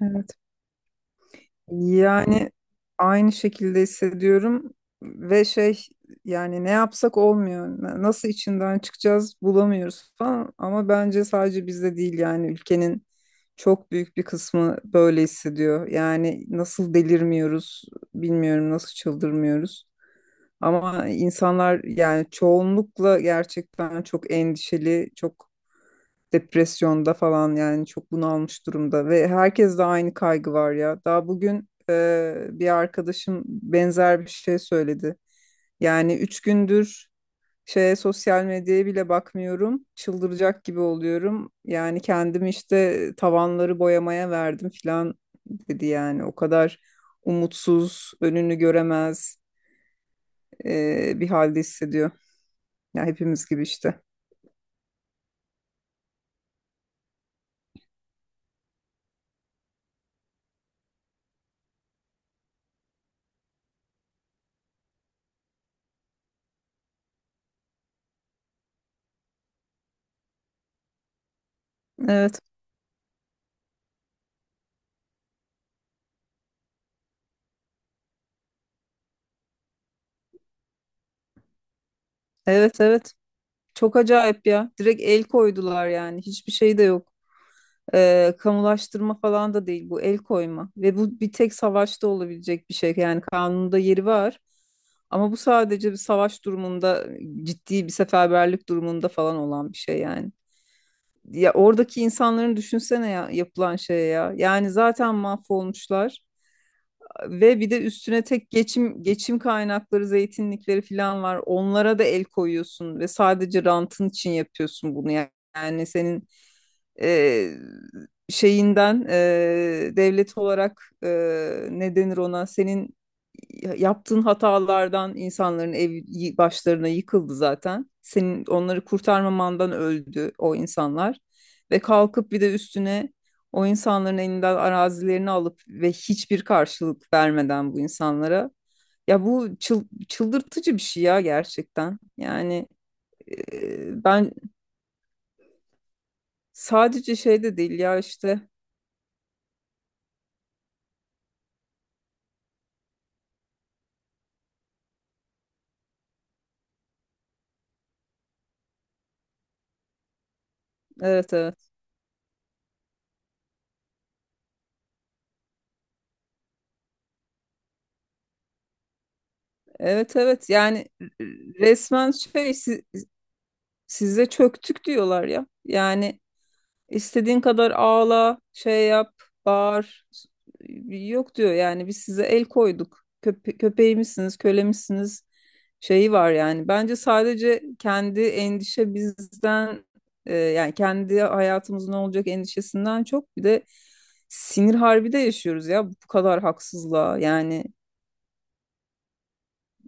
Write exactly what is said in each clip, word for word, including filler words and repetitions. Evet. Yani aynı şekilde hissediyorum ve şey yani ne yapsak olmuyor. Na- Nasıl içinden çıkacağız bulamıyoruz falan ama bence sadece bizde değil yani ülkenin çok büyük bir kısmı böyle hissediyor. Yani nasıl delirmiyoruz bilmiyorum nasıl çıldırmıyoruz. Ama insanlar yani çoğunlukla gerçekten çok endişeli, çok depresyonda falan yani çok bunalmış durumda ve herkes de aynı kaygı var ya. Daha bugün e, bir arkadaşım benzer bir şey söyledi. Yani üç gündür şeye sosyal medyaya bile bakmıyorum. Çıldıracak gibi oluyorum. Yani kendimi işte tavanları boyamaya verdim falan dedi yani. O kadar umutsuz, önünü göremez e, bir halde hissediyor. Ya hepimiz gibi işte. Evet, evet, evet. Çok acayip ya. Direkt el koydular yani. Hiçbir şey de yok. Ee, kamulaştırma falan da değil bu el koyma. Ve bu bir tek savaşta olabilecek bir şey. Yani kanunda yeri var. Ama bu sadece bir savaş durumunda, ciddi bir seferberlik durumunda falan olan bir şey yani. Ya oradaki insanların düşünsene ya yapılan şeye ya. Yani zaten mahvolmuşlar ve bir de üstüne tek geçim geçim kaynakları, zeytinlikleri falan var. Onlara da el koyuyorsun ve sadece rantın için yapıyorsun bunu. Yani, yani senin e, şeyinden e, devlet olarak e, ne denir ona? Senin yaptığın hatalardan insanların ev y- başlarına yıkıldı zaten. Senin onları kurtarmamandan öldü o insanlar. Ve kalkıp bir de üstüne o insanların elinden arazilerini alıp ve hiçbir karşılık vermeden bu insanlara. Ya bu çıl- çıldırtıcı bir şey ya gerçekten. Yani e, ben sadece şey de değil ya işte. Evet, evet. Evet, evet. Yani resmen şey si- size çöktük diyorlar ya. Yani İstediğin kadar ağla, şey yap, bağır. Yok diyor yani biz size el koyduk. Köpe köpeğimizsiniz, kölemizsiniz şeyi var yani. Bence sadece kendi endişe bizden e, yani kendi hayatımızın ne olacak endişesinden çok bir de sinir harbi de yaşıyoruz ya bu kadar haksızlığa yani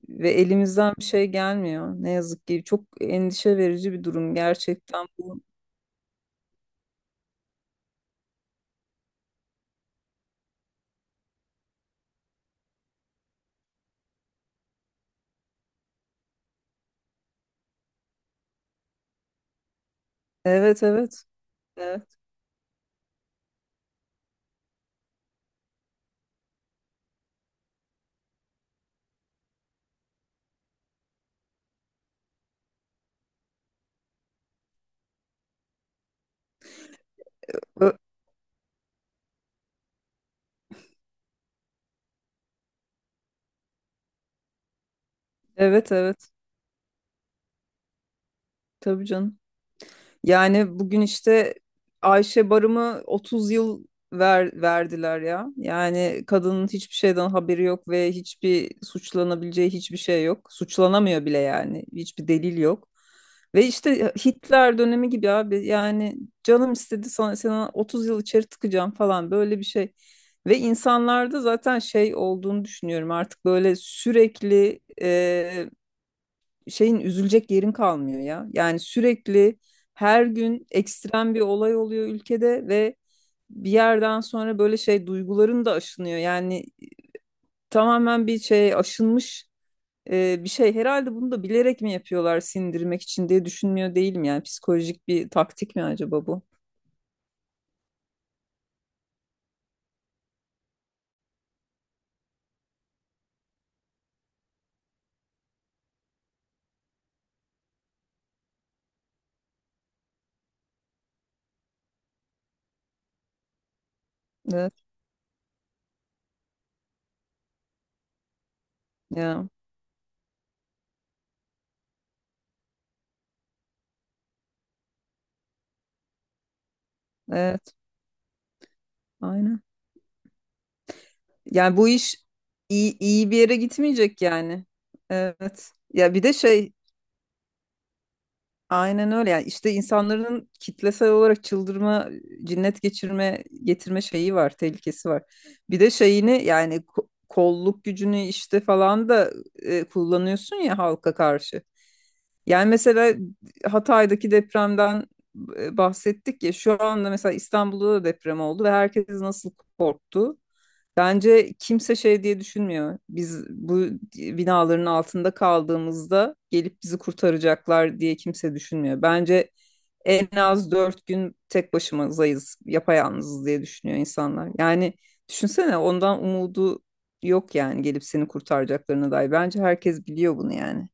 ve elimizden bir şey gelmiyor. Ne yazık ki çok endişe verici bir durum gerçekten bu. Evet, evet. Evet. Ö- Evet, evet. Tabii canım. Yani bugün işte Ayşe Barım'ı otuz yıl ver, verdiler ya. Yani kadının hiçbir şeyden haberi yok ve hiçbir suçlanabileceği hiçbir şey yok. Suçlanamıyor bile yani. Hiçbir delil yok. Ve işte Hitler dönemi gibi abi. Yani canım istedi sana, sana otuz yıl içeri tıkacağım falan böyle bir şey. Ve insanlarda zaten şey olduğunu düşünüyorum artık böyle sürekli şeyin üzülecek yerin kalmıyor ya. Yani sürekli her gün ekstrem bir olay oluyor ülkede ve bir yerden sonra böyle şey duyguların da aşınıyor. Yani tamamen bir şey aşınmış e, bir şey. Herhalde bunu da bilerek mi yapıyorlar sindirmek için diye düşünmüyor değilim. Yani psikolojik bir taktik mi acaba bu? Evet. Ya, evet. Aynen. Yani bu iş iyi, iyi bir yere gitmeyecek yani. Evet. Ya bir de şey aynen öyle yani işte insanların kitlesel olarak çıldırma, cinnet geçirme, getirme şeyi var, tehlikesi var. Bir de şeyini yani ko- kolluk gücünü işte falan da e, kullanıyorsun ya halka karşı. Yani mesela Hatay'daki depremden e, bahsettik ya şu anda mesela İstanbul'da da deprem oldu ve herkes nasıl korktu. Bence kimse şey diye düşünmüyor. Biz bu binaların altında kaldığımızda gelip bizi kurtaracaklar diye kimse düşünmüyor. Bence en az dört gün tek başımızayız, yapayalnızız diye düşünüyor insanlar. Yani düşünsene ondan umudu yok yani gelip seni kurtaracaklarına dair. Bence herkes biliyor bunu yani.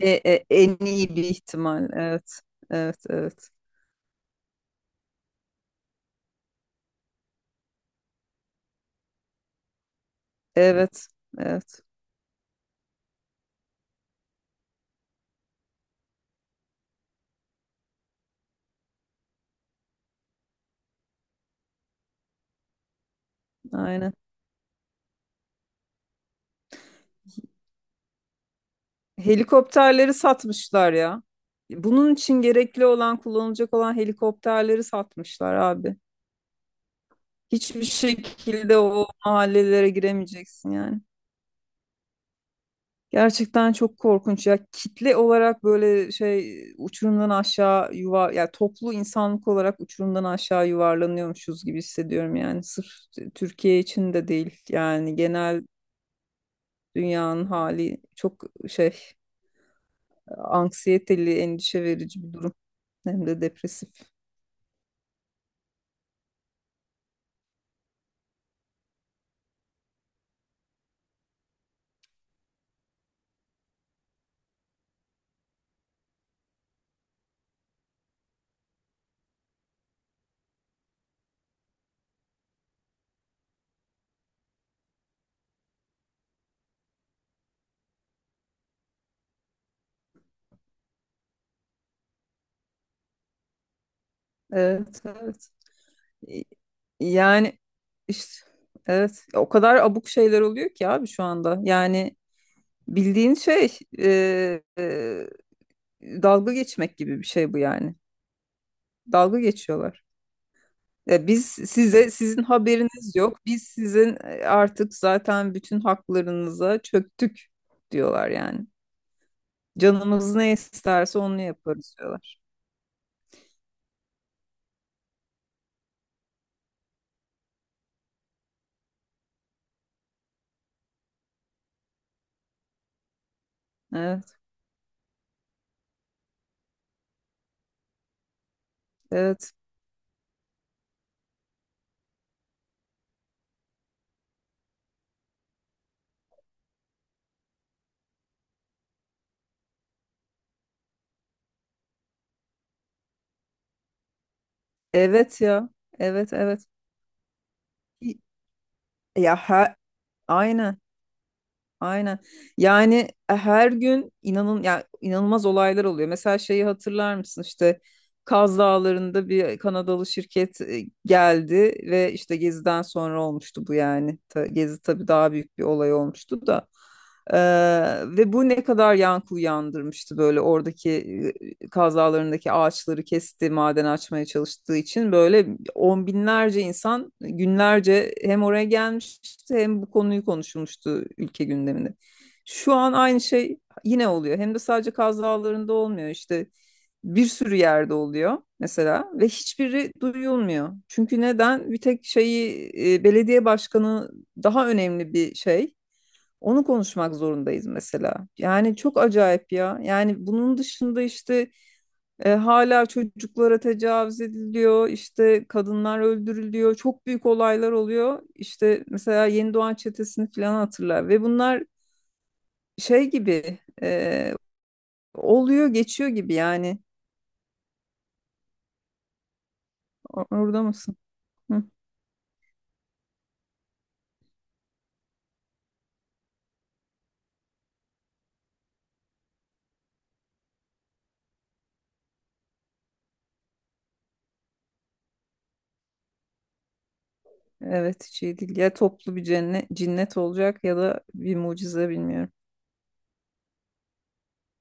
E, e, en iyi bir ihtimal. Evet, evet, evet. Evet, evet. Aynen. Helikopterleri satmışlar ya. Bunun için gerekli olan, kullanılacak olan helikopterleri satmışlar abi. Hiçbir şekilde o mahallelere giremeyeceksin yani. Gerçekten çok korkunç ya. Kitle olarak böyle şey uçurumdan aşağı yuvar ya toplu insanlık olarak uçurumdan aşağı yuvarlanıyormuşuz gibi hissediyorum yani. Sırf Türkiye için de değil yani genel dünyanın hali çok şey anksiyeteli, endişe verici bir durum. Hem de depresif. Evet, evet. Y- Yani işte evet o kadar abuk şeyler oluyor ki abi şu anda. Yani bildiğin şey e, e, dalga geçmek gibi bir şey bu yani. Dalga geçiyorlar. Ya biz size sizin haberiniz yok. Biz sizin e, artık zaten bütün haklarınıza çöktük diyorlar yani. Canımız ne isterse onu yaparız diyorlar. Evet, evet. Evet ya. Evet, evet. Ya her, aynen, aynen. Yani her gün inanın ya inanılmaz olaylar oluyor. Mesela şeyi hatırlar mısın? İşte Kaz Dağları'nda bir Kanadalı şirket e, geldi ve işte Gezi'den sonra olmuştu bu yani. Ta- Gezi tabii daha büyük bir olay olmuştu da. Ee, ve bu ne kadar yankı uyandırmıştı böyle oradaki e, kazalarındaki ağaçları kesti, maden açmaya çalıştığı için böyle on binlerce insan günlerce hem oraya gelmişti hem bu konuyu konuşulmuştu ülke gündeminde. Şu an aynı şey yine oluyor. Hem de sadece Kaz Dağları'nda olmuyor işte bir sürü yerde oluyor mesela ve hiçbiri duyulmuyor. Çünkü neden? Bir tek şeyi e, belediye başkanı daha önemli bir şey. Onu konuşmak zorundayız mesela. Yani çok acayip ya. Yani bunun dışında işte e, hala çocuklara tecavüz ediliyor, işte kadınlar öldürülüyor, çok büyük olaylar oluyor. İşte mesela Yeni Doğan Çetesi'ni falan hatırlar ve bunlar şey gibi e, oluyor, geçiyor gibi yani. O- Orada mısın? Hı. Evet, hiç iyi değil. Ya toplu bir cennet, cinnet olacak ya da bir mucize bilmiyorum.